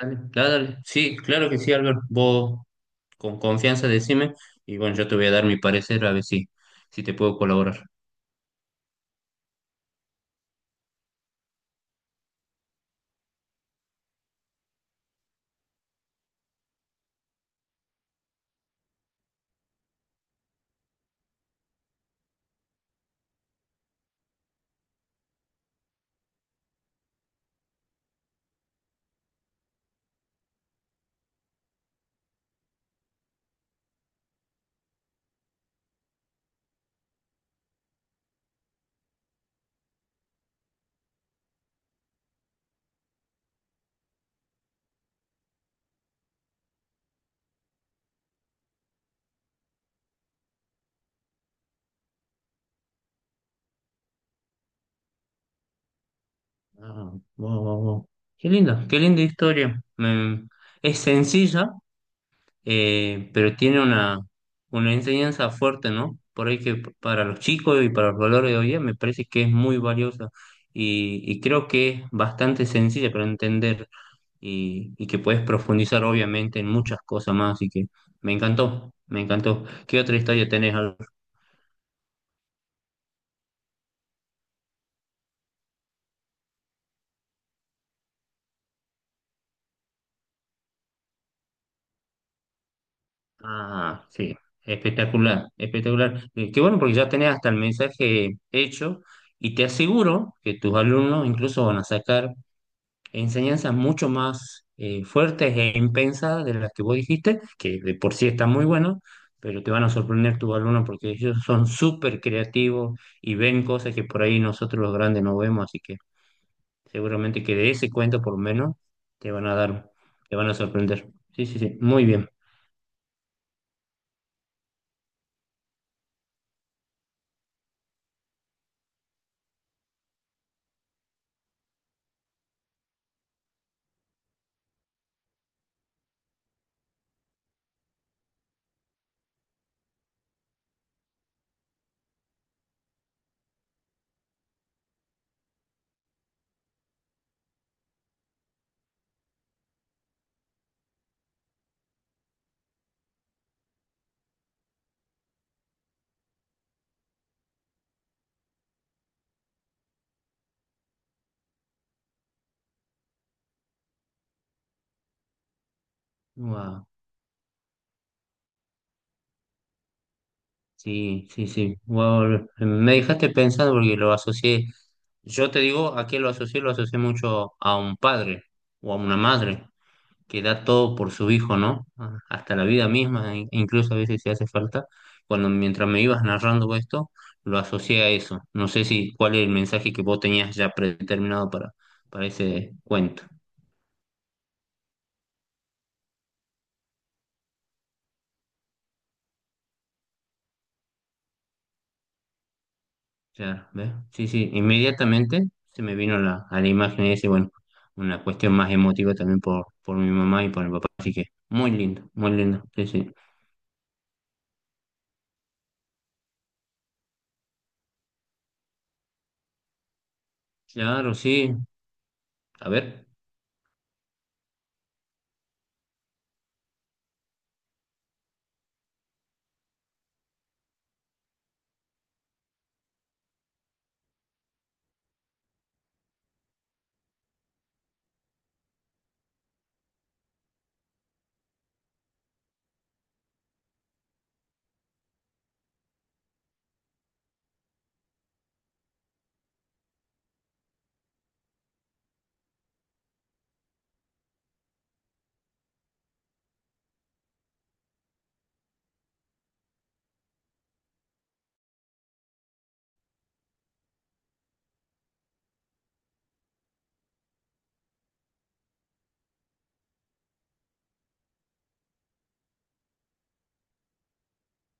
Dale, dale, dale. Sí, claro que sí, Albert. Vos con confianza decime y bueno, yo te voy a dar mi parecer a ver si, si te puedo colaborar. Ah, wow, wow, wow. Qué linda historia. Es sencilla, pero tiene una enseñanza fuerte, ¿no? Por ahí que para los chicos y para los valores de hoy día me parece que es muy valiosa y creo que es bastante sencilla para entender y que puedes profundizar obviamente en muchas cosas más, así que me encantó, me encantó. ¿Qué otra historia tenés? Ah, sí, espectacular, espectacular. Qué bueno porque ya tenés hasta el mensaje hecho y te aseguro que tus alumnos incluso van a sacar enseñanzas mucho más fuertes e impensadas de las que vos dijiste, que de por sí están muy buenas. Pero te van a sorprender tus alumnos porque ellos son súper creativos y ven cosas que por ahí nosotros los grandes no vemos, así que seguramente que de ese cuento por lo menos te van a dar, te van a sorprender. Sí, sí, sí, muy bien. Wow. Sí, sí, sí. Wow. Me dejaste pensando porque lo asocié. Yo te digo, ¿a qué lo asocié? Lo asocié mucho a un padre o a una madre que da todo por su hijo, ¿no? Ah, hasta la vida misma, incluso a veces si hace falta. Cuando mientras me ibas narrando esto, lo asocié a eso. No sé si cuál es el mensaje que vos tenías ya predeterminado para ese cuento. Claro, ¿ves? Sí, sí, inmediatamente se me vino la, a la imagen ese, bueno, una cuestión más emotiva también por mi mamá y por mi papá, así que muy lindo, sí, sí. Claro, sí, a ver,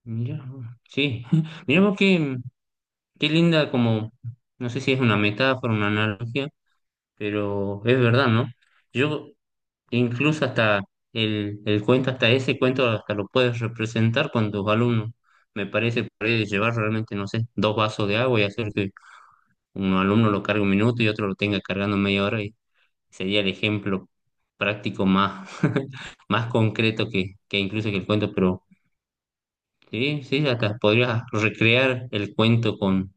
mira, sí, mira vos qué, qué linda como, no sé si es una metáfora, una analogía, pero es verdad, ¿no? Yo incluso hasta hasta ese cuento hasta lo puedes representar con tus alumnos, me parece, por ahí de llevar realmente, no sé, dos vasos de agua y hacer que un alumno lo cargue un minuto y otro lo tenga cargando media hora y sería el ejemplo práctico más, más concreto que incluso que el cuento, pero sí, sí, hasta podrías recrear el cuento con,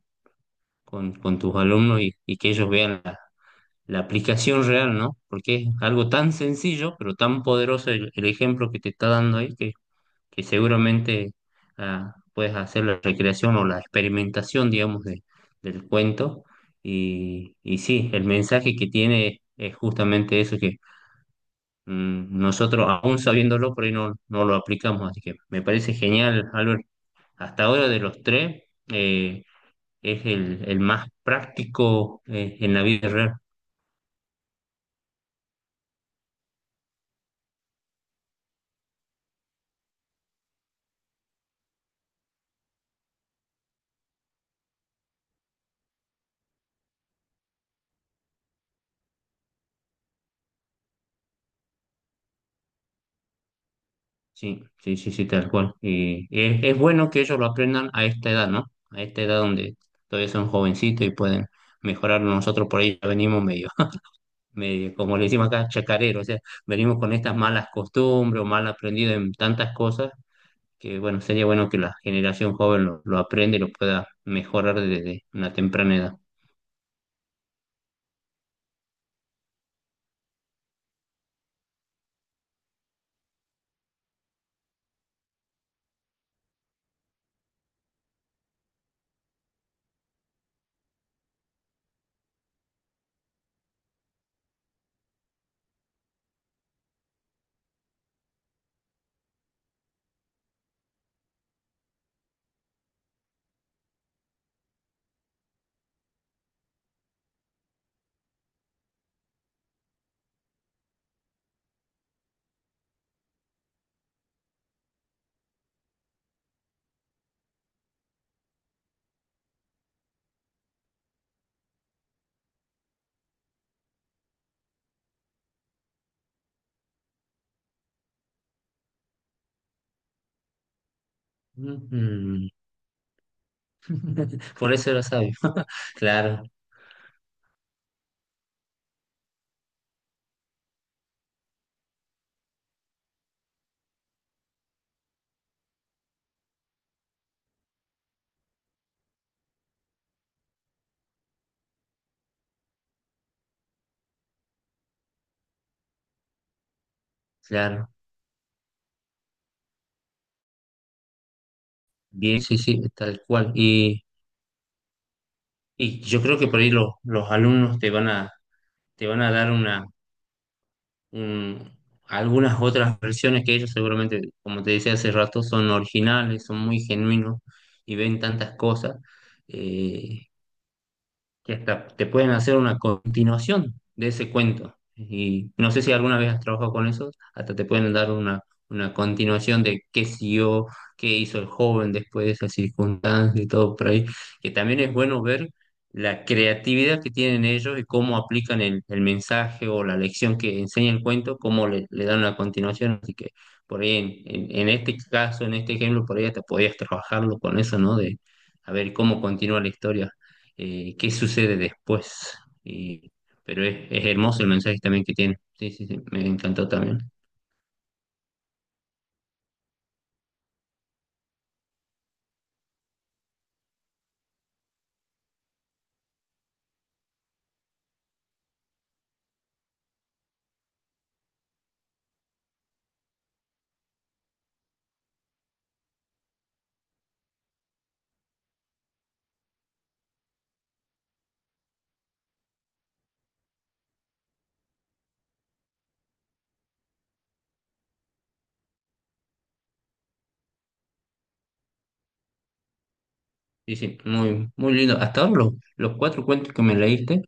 con tus alumnos y que ellos vean la, la aplicación real, ¿no? Porque es algo tan sencillo, pero tan poderoso el ejemplo que te está dando ahí que seguramente puedes hacer la recreación o la experimentación, digamos, del cuento. Y sí, el mensaje que tiene es justamente eso que nosotros, aún sabiéndolo, por ahí no, no lo aplicamos. Así que me parece genial, Albert. Hasta ahora de los 3, es el más práctico en la vida real. Sí, sí, sí, sí, tal cual. Y es bueno que ellos lo aprendan a esta edad, ¿no? A esta edad donde todavía son jovencitos y pueden mejorar. Nosotros por ahí ya venimos medio, medio, como le decimos acá, chacarero, o sea, venimos con estas malas costumbres o mal aprendido en tantas cosas que, bueno, sería bueno que la generación joven lo aprenda y lo pueda mejorar desde una temprana edad. Ujú. Por eso era sabio. Claro, claro. Bien, sí, sí, tal cual. Y yo creo que por ahí los alumnos te van a dar una, un- algunas otras versiones que ellos seguramente, como te decía hace rato, son originales, son muy genuinos y ven tantas cosas. Eh, que hasta te pueden hacer una continuación de ese cuento. Y no sé si alguna vez has trabajado con eso, hasta te pueden dar una continuación de qué siguió, qué hizo el joven después de esa circunstancia y todo por ahí, que también es bueno ver la creatividad que tienen ellos y cómo aplican el mensaje o la lección que enseña el cuento, cómo le, le dan una continuación. Así que por ahí en este caso, en este ejemplo, por ahí hasta podías trabajarlo con eso, ¿no? De a ver cómo continúa la historia qué sucede después. Y- pero es hermoso el mensaje también que tiene. Sí, sí, sí, me encantó también. Sí, sí, muy, muy lindo. Hasta ahora los 4 cuentos que me leíste,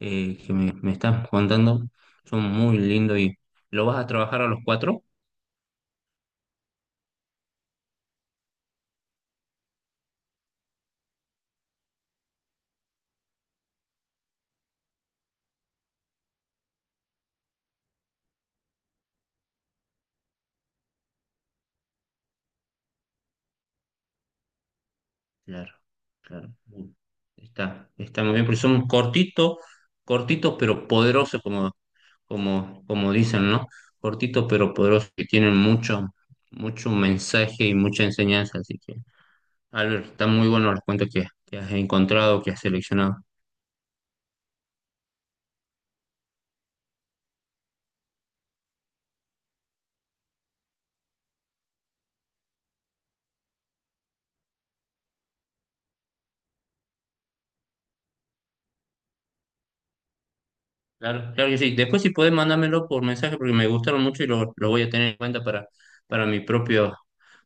que me estás contando, son muy lindos y ¿lo vas a trabajar a los 4? Claro, claro. Mm. Está, está muy bien, porque son cortitos, cortitos pero poderosos, como, como, como dicen, ¿no? Cortitos pero poderosos, que tienen mucho, mucho mensaje y mucha enseñanza, así que... Albert, están muy buenos los cuentos que has encontrado, que has seleccionado. Claro, claro que sí. Después si podés mandármelo por mensaje porque me gustaron mucho y lo voy a tener en cuenta para mi propio,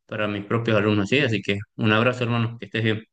para mis propios alumnos, ¿sí? Así que un abrazo, hermano, que estés bien.